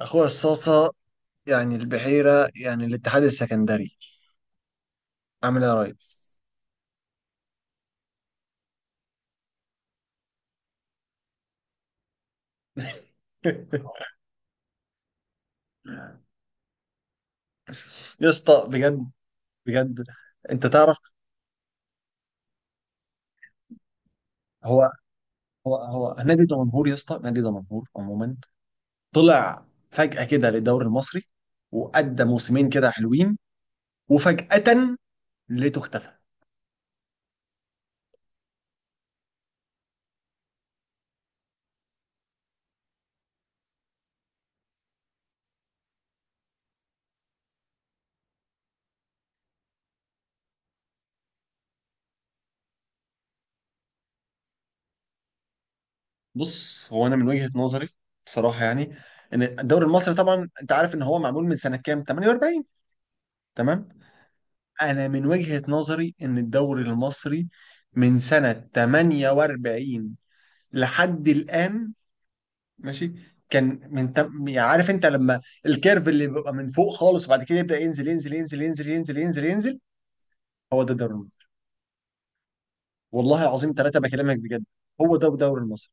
اخويا الصاصة، يعني البحيرة، يعني الاتحاد السكندري. عامل ايه يا ريس؟ يا اسطى بجد. بجد انت تعرف، هو هو نادي دمنهور يا اسطى، نادي دمنهور عموما. طلع فجأة كده للدوري المصري، وأدى موسمين كده حلوين، وفجأة لقيته اختفى. بص، هو انا من وجهة نظري بصراحة، يعني ان الدوري المصري طبعا انت عارف ان هو معمول من سنة كام؟ 48. تمام. انا من وجهة نظري ان الدوري المصري من سنة 48 لحد الان، ماشي. كان يعني عارف انت لما الكيرف اللي بيبقى من فوق خالص، وبعد كده يبدأ ينزل ينزل ينزل ينزل ينزل ينزل ينزل. هو ده الدوري المصري. والله العظيم ثلاثة بكلمك بجد، هو ده الدوري المصري.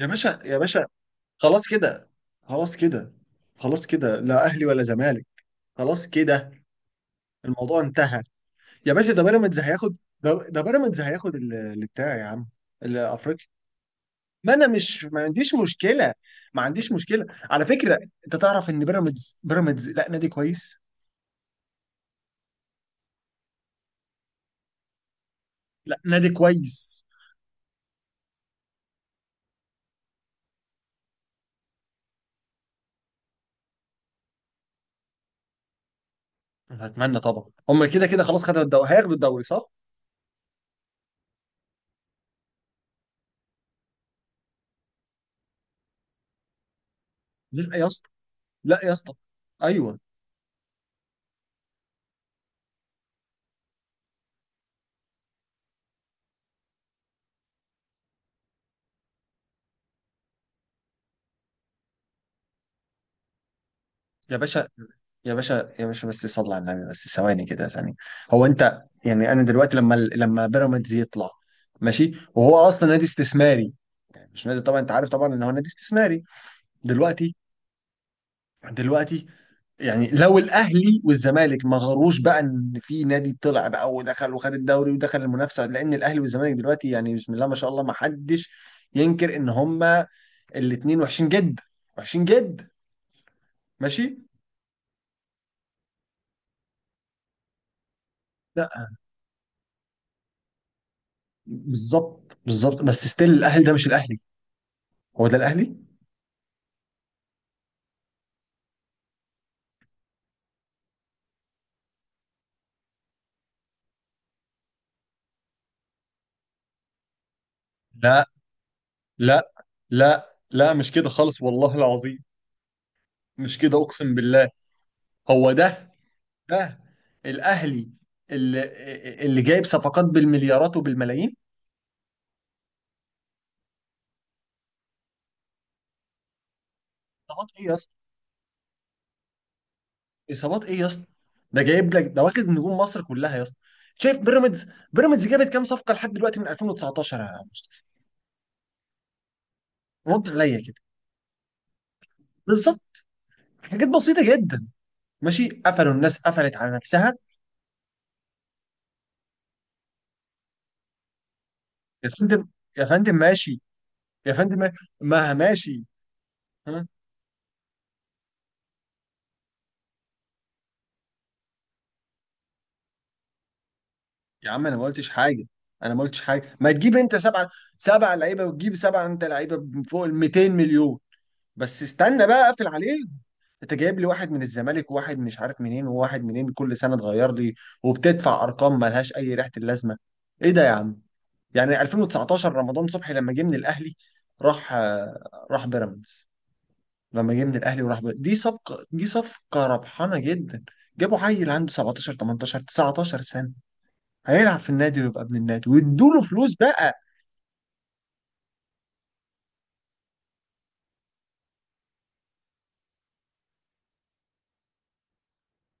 يا باشا، يا باشا، خلاص كده، خلاص كده، خلاص كده، لا اهلي ولا زمالك، خلاص كده، الموضوع انتهى. يا باشا، ده بيراميدز هياخد. ده بيراميدز هياخد اللي بتاع يا عم، الافريقيا. ما انا مش، ما عنديش مشكله على فكره. انت تعرف ان بيراميدز لا نادي كويس، لا نادي كويس. أنا اتمنى طبعا، هم كده كده خلاص خدوا الدوري، هياخدوا الدوري صح. لا يا اسطى، لا يا اسطى، ايوه. يا باشا، يا باشا، يا باشا، بس صلي على النبي بس، ثواني كده، ثانية. هو انت يعني انا دلوقتي لما بيراميدز يطلع ماشي، وهو اصلا نادي استثماري، مش نادي، طبعا انت عارف طبعا ان هو نادي استثماري. دلوقتي، دلوقتي، يعني لو الاهلي والزمالك ما غروش بقى ان في نادي طلع بقى ودخل وخد الدوري ودخل المنافسه، لان الاهلي والزمالك دلوقتي يعني بسم الله ما شاء الله ما حدش ينكر ان هما الاثنين وحشين جدا، وحشين جدا. ماشي. لا. بالظبط، بالظبط، بس ستيل الاهلي، ده مش الاهلي، هو ده الاهلي. لا، لا، لا، لا، مش كده خالص والله العظيم، مش كده اقسم بالله. هو ده الاهلي اللي اللي جايب صفقات بالمليارات وبالملايين. صفقات ايه يا؟ اصابات ايه يا اسطى؟ ده جايب لك، ده واخد نجوم مصر كلها يا اسطى. شايف بيراميدز جابت كام صفقه لحد دلوقتي من 2019 يا مصطفى؟ رد عليا كده. بالظبط، حاجات بسيطه جدا. ماشي، قفلوا الناس، قفلت على نفسها. يا فندم، يا فندم ماشي، يا فندم، ما ماشي. ها. يا عم، انا ما قلتش حاجه، انا ما قلتش حاجه. ما تجيب انت سبعه لعيبه، وتجيب سبعه انت لعيبه فوق ال 200 مليون. بس استنى بقى، اقفل عليهم. انت جايب لي واحد من الزمالك، وواحد مش عارف منين، وواحد منين، كل سنه تغير لي. وبتدفع ارقام ملهاش اي ريحه اللازمه. ايه ده يا عم؟ يعني 2019 رمضان صبحي لما جه من الاهلي راح بيراميدز، لما جه من الاهلي وراح بيراميدز. دي صفقه ربحانه جدا. جابوا عيل عنده 17 18 19 سنه، هيلعب في النادي ويبقى ابن النادي، وادوا له فلوس بقى.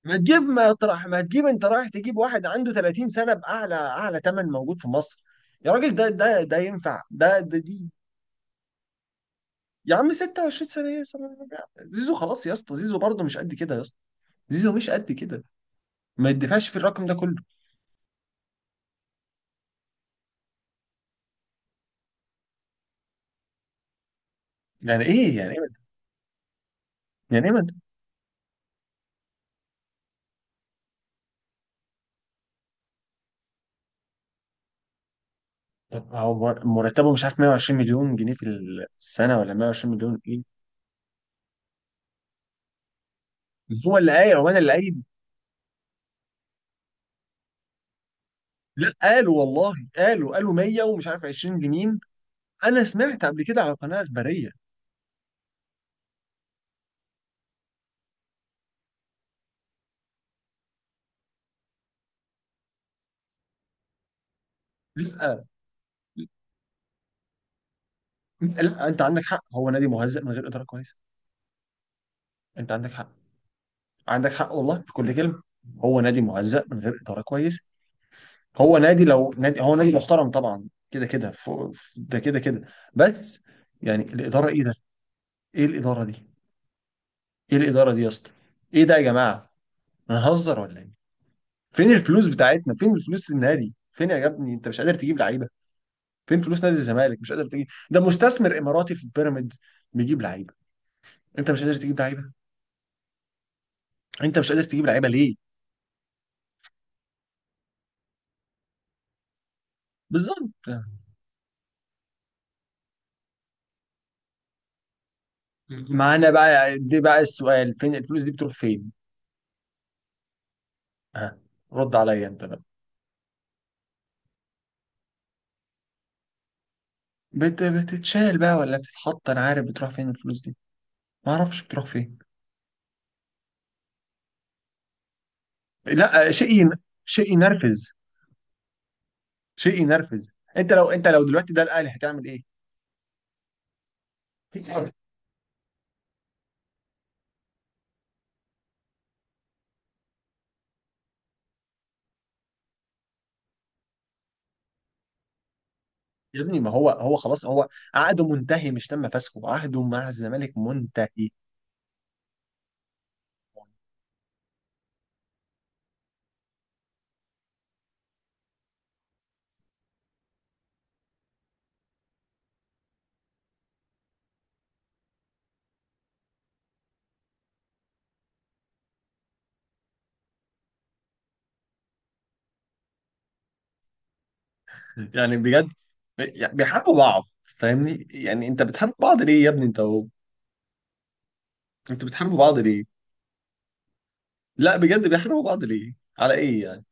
ما تجيب انت رايح تجيب واحد عنده 30 سنة بأعلى أعلى ثمن موجود في مصر. يا راجل، ده ينفع ده دي. يا عم، 26 سنة؟ ايه يا سلام يا عم. زيزو خلاص يا اسطى، زيزو برضه مش قد كده يا اسطى، زيزو مش قد كده، ما يدفعش في الرقم ده كله. يعني ايه؟ يعني ايه؟ يعني ايه؟ طب هو مرتبه مش عارف، 120 مليون جنيه في السنة، ولا 120 مليون ايه؟ هو اللي قايل؟ هو انا اللي قايل. لا، قالوا والله، قالوا 100 ومش عارف 20 جنيه. انا سمعت قبل كده على قناة اخبارية. لا انت عندك حق، هو نادي مهزأ من غير اداره كويسه. انت عندك حق، عندك حق والله في كل كلمه. هو نادي مهزأ من غير اداره كويسه. هو نادي، لو نادي هو نادي محترم طبعا، كده كده ده كده كده، بس. يعني الاداره ايه ده؟ ايه الاداره دي؟ ايه الاداره دي يا اسطى؟ ايه ده يا جماعه؟ هنهزر ولا ايه؟ فين الفلوس بتاعتنا؟ فين الفلوس النادي؟ فين يا ابني، انت مش قادر تجيب لعيبه؟ فين فلوس نادي الزمالك؟ مش قادر تجيب؟ ده مستثمر اماراتي في بيراميدز بيجيب لعيبه، انت مش قادر تجيب لعيبه؟ انت مش قادر تجيب لعيبه ليه؟ بالظبط، معانا بقى يعني، دي بقى السؤال، فين الفلوس دي بتروح فين؟ ها، رد عليا انت بقى. بتتشال بقى ولا بتتحط؟ انا عارف بتروح فين الفلوس دي، ما اعرفش بتروح فين. لا، شيء ينرفز، شيء ينرفز. انت لو دلوقتي ده الاهلي، هتعمل ايه؟ يا ابني، ما هو خلاص، هو عقده منتهي، مش تم فسخه، عقده مع الزمالك منتهي. يعني بجد، يعني بيحاربوا بعض. فاهمني؟ يعني انت بتحارب بعض ليه يا ابني، انت هو. انت بتحاربوا بعض ليه؟ لا بجد، بيحاربوا بعض ليه؟ على ايه؟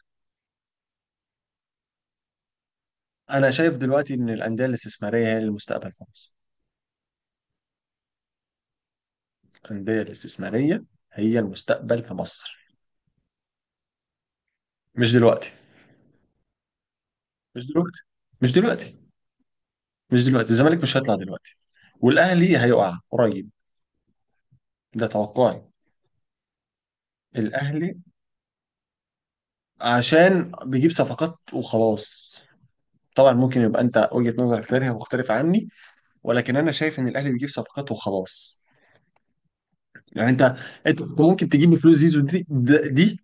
انا شايف دلوقتي ان الانديه الاستثماريه هي المستقبل في مصر، الانديه الاستثماريه هي المستقبل في مصر. مش دلوقتي، مش دلوقتي، مش دلوقتي، مش دلوقتي الزمالك مش هيطلع دلوقتي، والاهلي هيقع قريب. ده توقعي. الاهلي عشان بيجيب صفقات وخلاص. طبعا ممكن يبقى انت وجهة نظرك تانية مختلفة عني، ولكن انا شايف ان الاهلي بيجيب صفقات وخلاص. يعني انت ممكن تجيب بفلوس زيزو دي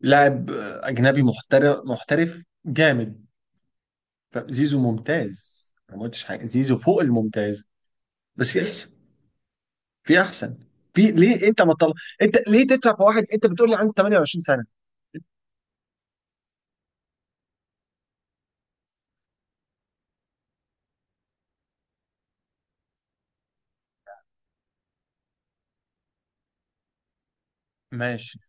لاعب اجنبي محترف، محترف جامد، فزيزو ممتاز. أنا ما قلتش حاجه، زيزو فوق الممتاز، بس في احسن. في ليه انت ما تطلع انت ليه تدفع في واحد انت بتقول لي عنده 28 سنه؟ ماشي.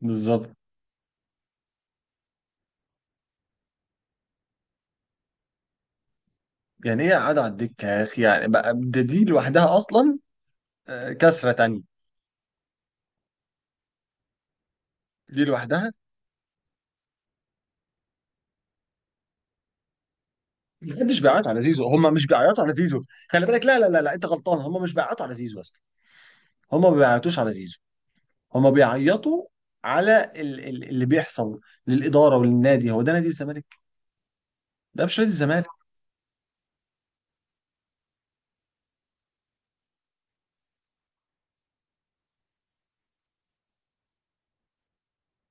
بالظبط. يعني ايه قاعد على الدكه يا اخي؟ يعني بقى ده، دي لوحدها اصلا. آه، كسره تانية، دي لوحدها. محدش بيعيط على زيزو، هم مش بيعيطوا على زيزو، خلي بالك. لا، لا، لا، لا، انت غلطان، هم مش بيعيطوا على زيزو اصلا، هم ما بيعيطوش على زيزو. هم بيعيطوا على اللي بيحصل للاداره وللنادي، هو ده نادي الزمالك. ده مش نادي الزمالك.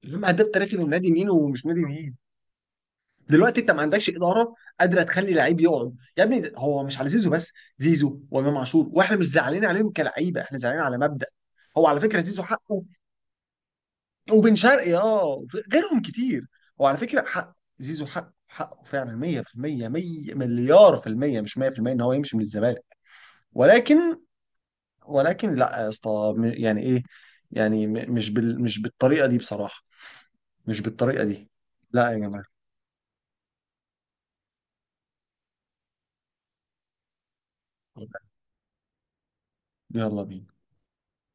يا عم، هداف تاريخي للنادي مين ومش نادي مين؟ دلوقتي انت ما عندكش اداره قادره تخلي لعيب يقعد يا ابني. هو مش على زيزو بس، زيزو وامام عاشور، واحنا مش زعلانين عليهم كلعيبه، احنا زعلانين على مبدأ. هو على فكره زيزو حقه، وبن شرقي غيرهم كتير. هو على فكره حق، زيزو حقه، حقه فعلا 100%، 100 مليار في المية، مش 100% ان هو يمشي من الزمالك، ولكن ولكن لا يا اسطى، يعني ايه، مش بالطريقه دي بصراحه، مش بالطريقه دي. لا يا جماعه، يلا بينا.